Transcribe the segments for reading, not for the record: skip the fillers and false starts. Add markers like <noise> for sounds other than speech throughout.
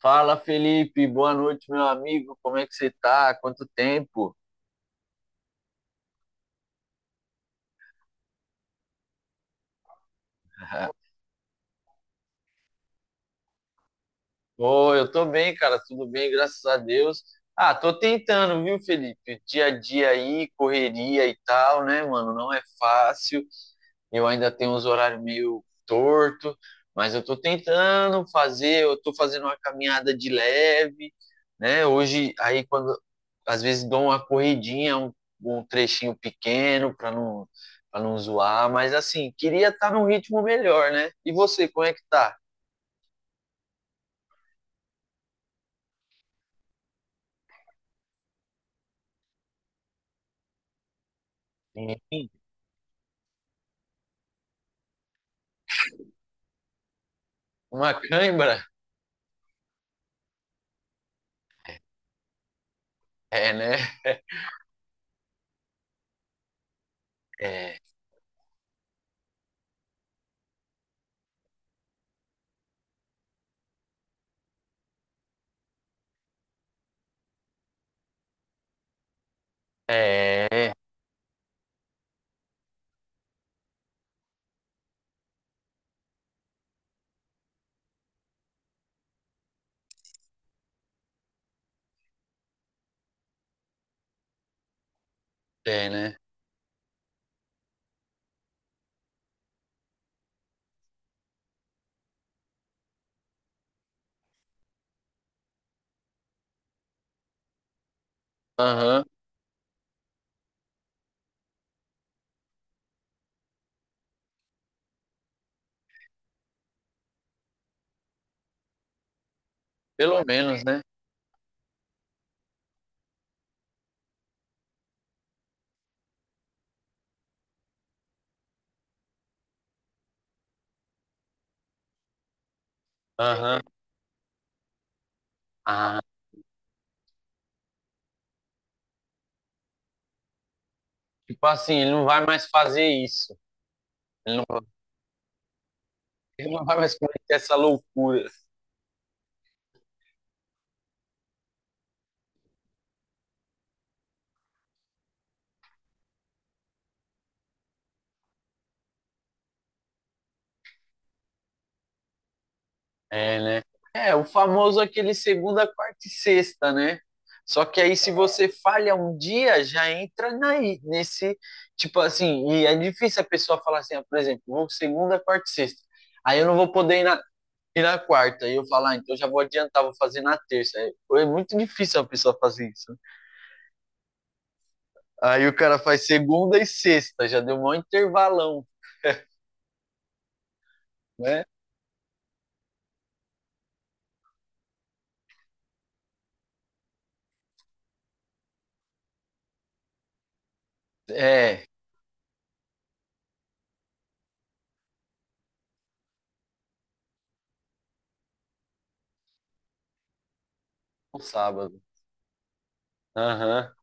Fala, Felipe. Boa noite, meu amigo. Como é que você tá? Quanto tempo? <laughs> Ô, eu tô bem, cara. Tudo bem, graças a Deus. Ah, tô tentando, viu, Felipe? Dia a dia aí, correria e tal, né, mano? Não é fácil. Eu ainda tenho uns horários meio torto, mas eu estou tentando fazer, eu estou fazendo uma caminhada de leve, né? Hoje, aí quando às vezes dou uma corridinha, um trechinho pequeno para não zoar, mas assim, queria estar tá num ritmo melhor, né? E você, como é que tá? Sim. Uma cãibra? É, né? É, é, é, né? Aham, pelo menos, né? Aham. Ah, tipo assim, ele não vai mais fazer isso. Ele não Ele não vai mais cometer essa loucura. É, né? É, o famoso aquele segunda, quarta e sexta, né? Só que aí, se você falha um dia, já entra nesse. Tipo assim, e é difícil a pessoa falar assim, ah, por exemplo, vou segunda, quarta e sexta. Aí eu não vou poder ir ir na quarta. E eu falar, ah, então já vou adiantar, vou fazer na terça. É muito difícil a pessoa fazer isso. Aí o cara faz segunda e sexta, já deu um maior intervalão, né? É, o sábado. Aham.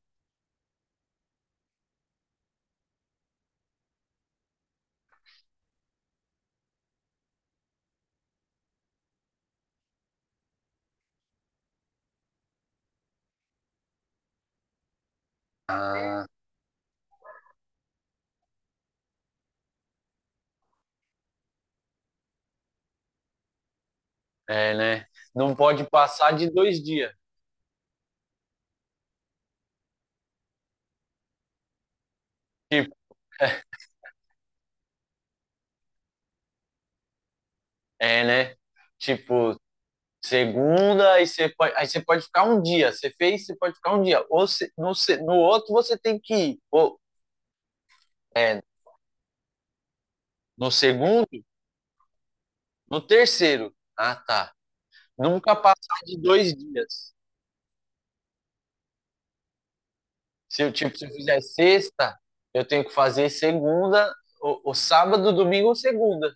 Ah. É, né? Não pode passar de 2 dias. Tipo, é, né? Tipo, segunda, aí você pode ficar um dia. Você fez, você pode ficar um dia. Ou no outro você tem que ir. Ou, é, no segundo, no terceiro. Ah, tá. Nunca passar de 2 dias. Se eu fizer sexta, eu tenho que fazer segunda, ou sábado, domingo ou segunda.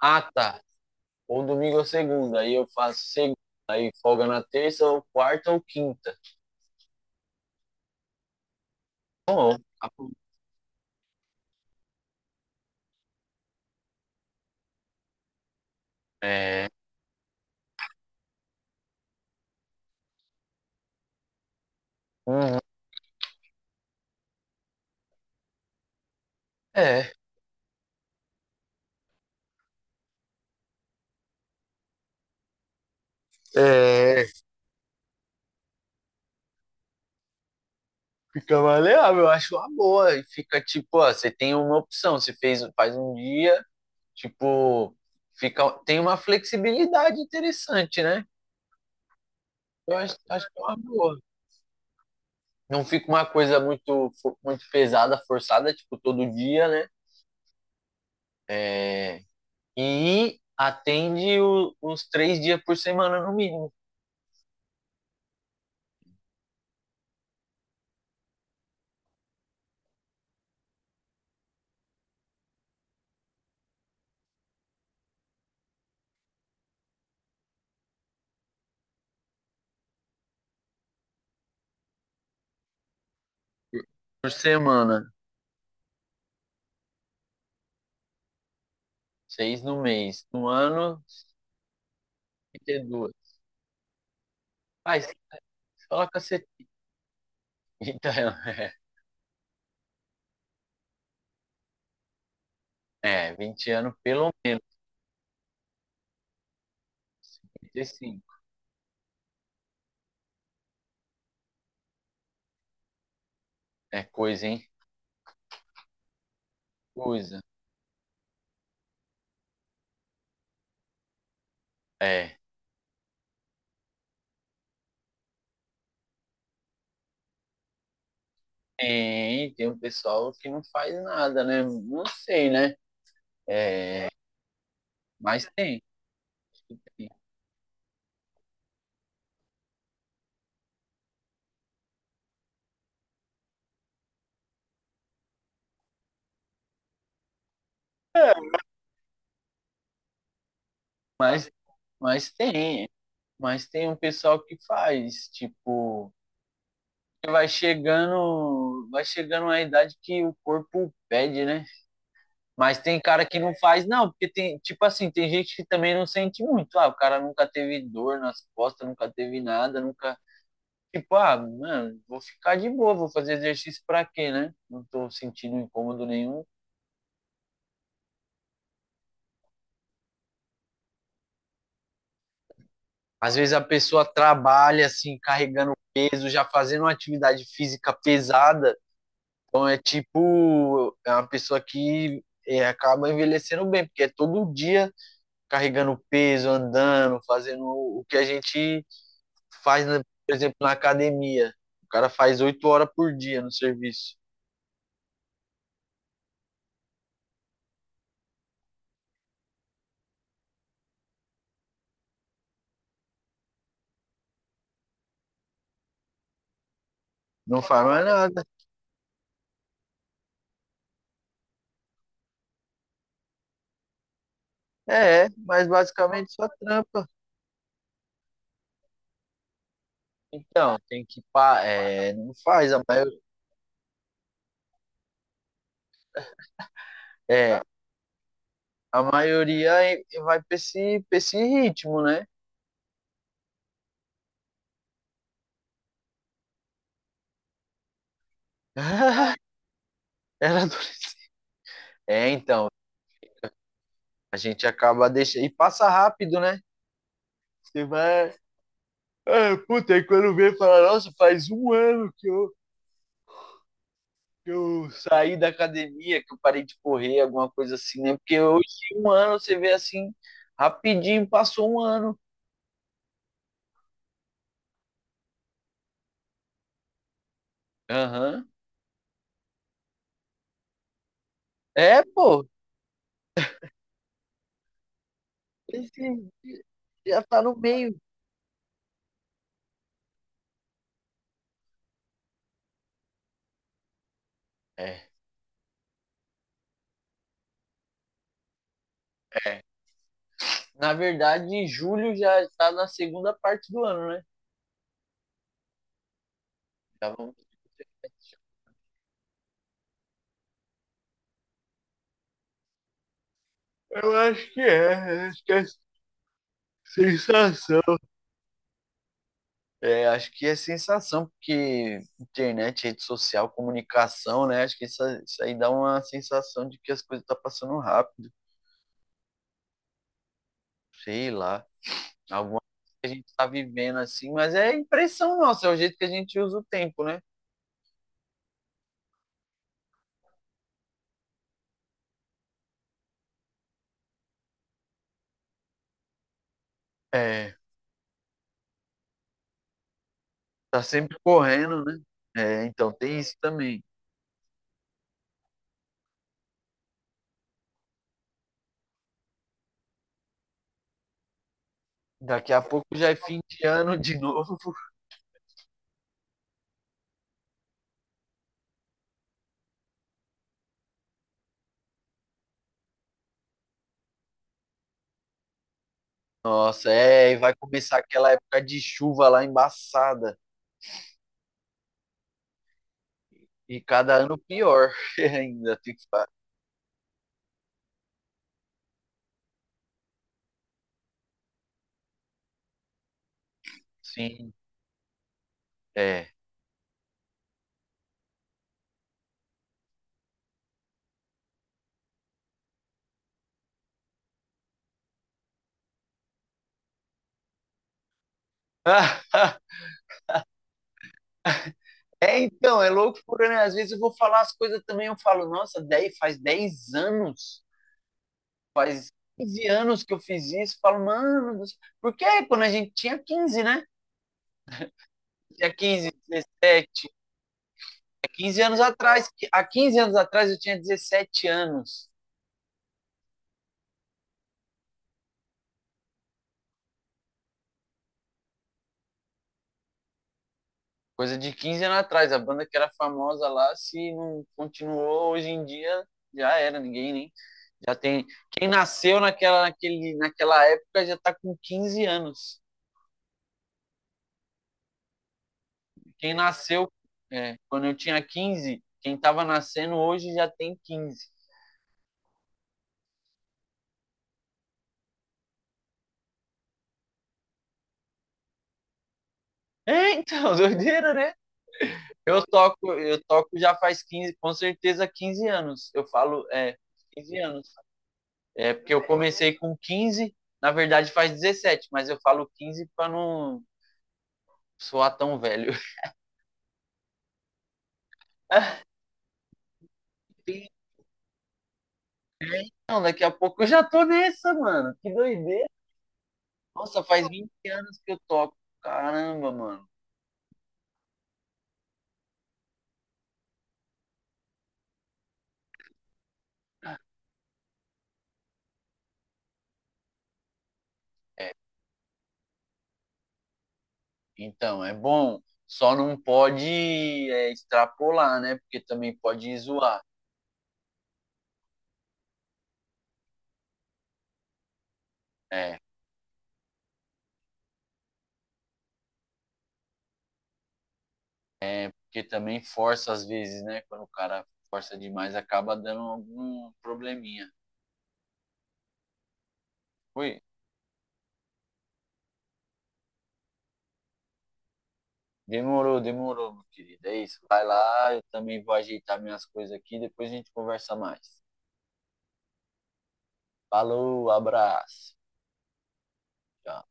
Ah, tá. Ou domingo ou segunda. Aí eu faço segunda. Aí folga na terça, ou quarta ou quinta. Bom, é, Uhum. é, é, Fica maleável, eu acho uma boa. E fica tipo, ó, você tem uma opção, você fez, faz um dia, tipo, fica, tem uma flexibilidade interessante, né? Eu acho que é uma boa. Não fica uma coisa muito pesada, forçada, tipo, todo dia, né? É, e atende os 3 dias por semana, no mínimo. Por semana, seis no mês. No ano, 52. Fala cacete. Então, <laughs> é, vinte 20 anos pelo menos, vinte e cinco É coisa, hein? Coisa. É. Tem um pessoal que não faz nada, né? Não sei, né? É, mas tem. Mas, mas tem. Mas tem um pessoal que faz, tipo, vai chegando a idade que o corpo pede, né? Mas tem cara que não faz, não, porque tem, tipo assim, tem gente que também não sente muito. Ah, o cara nunca teve dor nas costas, nunca teve nada, nunca. Tipo, ah, mano, vou ficar de boa, vou fazer exercício pra quê, né? Não tô sentindo incômodo nenhum. Às vezes a pessoa trabalha assim, carregando peso, já fazendo uma atividade física pesada. Então é tipo, é uma pessoa que é, acaba envelhecendo bem, porque é todo dia carregando peso, andando, fazendo o que a gente faz, né, por exemplo, na academia. O cara faz 8 horas por dia no serviço. Não faz mais nada. É, mas basicamente só trampa. Então, tem que. É, não faz. É, a maioria vai pra esse ritmo, né? <laughs> Era do- É, então. A gente acaba deixando. E passa rápido, né? Você vai. É, puta, aí quando vem falar, nossa, faz um ano que eu saí da academia, que eu parei de correr, alguma coisa assim, né? Porque hoje, um ano, você vê assim, rapidinho, passou um ano. Aham. É, pô. Esse já tá no meio. É, é. Na verdade, em julho já está na segunda parte do ano, né? Já vamos- Eu acho que é sensação. É, acho que é sensação, porque internet, rede social, comunicação, né? Acho que isso aí dá uma sensação de que as coisas estão passando rápido. Sei lá, alguma coisa que a gente tá vivendo assim, mas é impressão nossa, é o jeito que a gente usa o tempo, né? É, tá sempre correndo, né? É, então tem isso também. Daqui a pouco já é fim de ano de novo. <laughs> Nossa, e vai começar aquela época de chuva lá embaçada. E cada ano pior <laughs> ainda, tem que falar. Sim, é. <laughs> É, então, é loucura, né? Às vezes eu vou falar as coisas também, eu falo, nossa, 10, faz 10 anos faz 15 anos que eu fiz isso, falo, mano, porque quando a gente tinha 15, né? Tinha 15, 17, há 15 anos atrás eu tinha 17 anos, coisa de 15 anos atrás, a banda que era famosa lá, se não continuou hoje em dia, já era, ninguém nem, já tem, quem nasceu naquela época já tá com 15 anos, quem nasceu quando eu tinha 15, quem tava nascendo hoje já tem 15. É, então, <laughs> doideira, né? Eu toco já faz 15, com certeza 15 anos. Eu falo, 15 anos. É porque eu comecei com 15. Na verdade faz 17, mas eu falo 15 para não soar tão velho. <laughs> Não, daqui a pouco eu já tô nessa, mano. Que doideira. Nossa, faz 20 anos que eu toco. Caramba, mano. Então, é bom. Só não pode é, extrapolar, né? Porque também pode zoar. É, porque também força às vezes, né? Quando o cara força demais, acaba dando algum probleminha. Fui. Demorou, demorou, meu querido. É isso. Vai lá, eu também vou ajeitar minhas coisas aqui, depois a gente conversa mais. Falou, abraço. Tchau.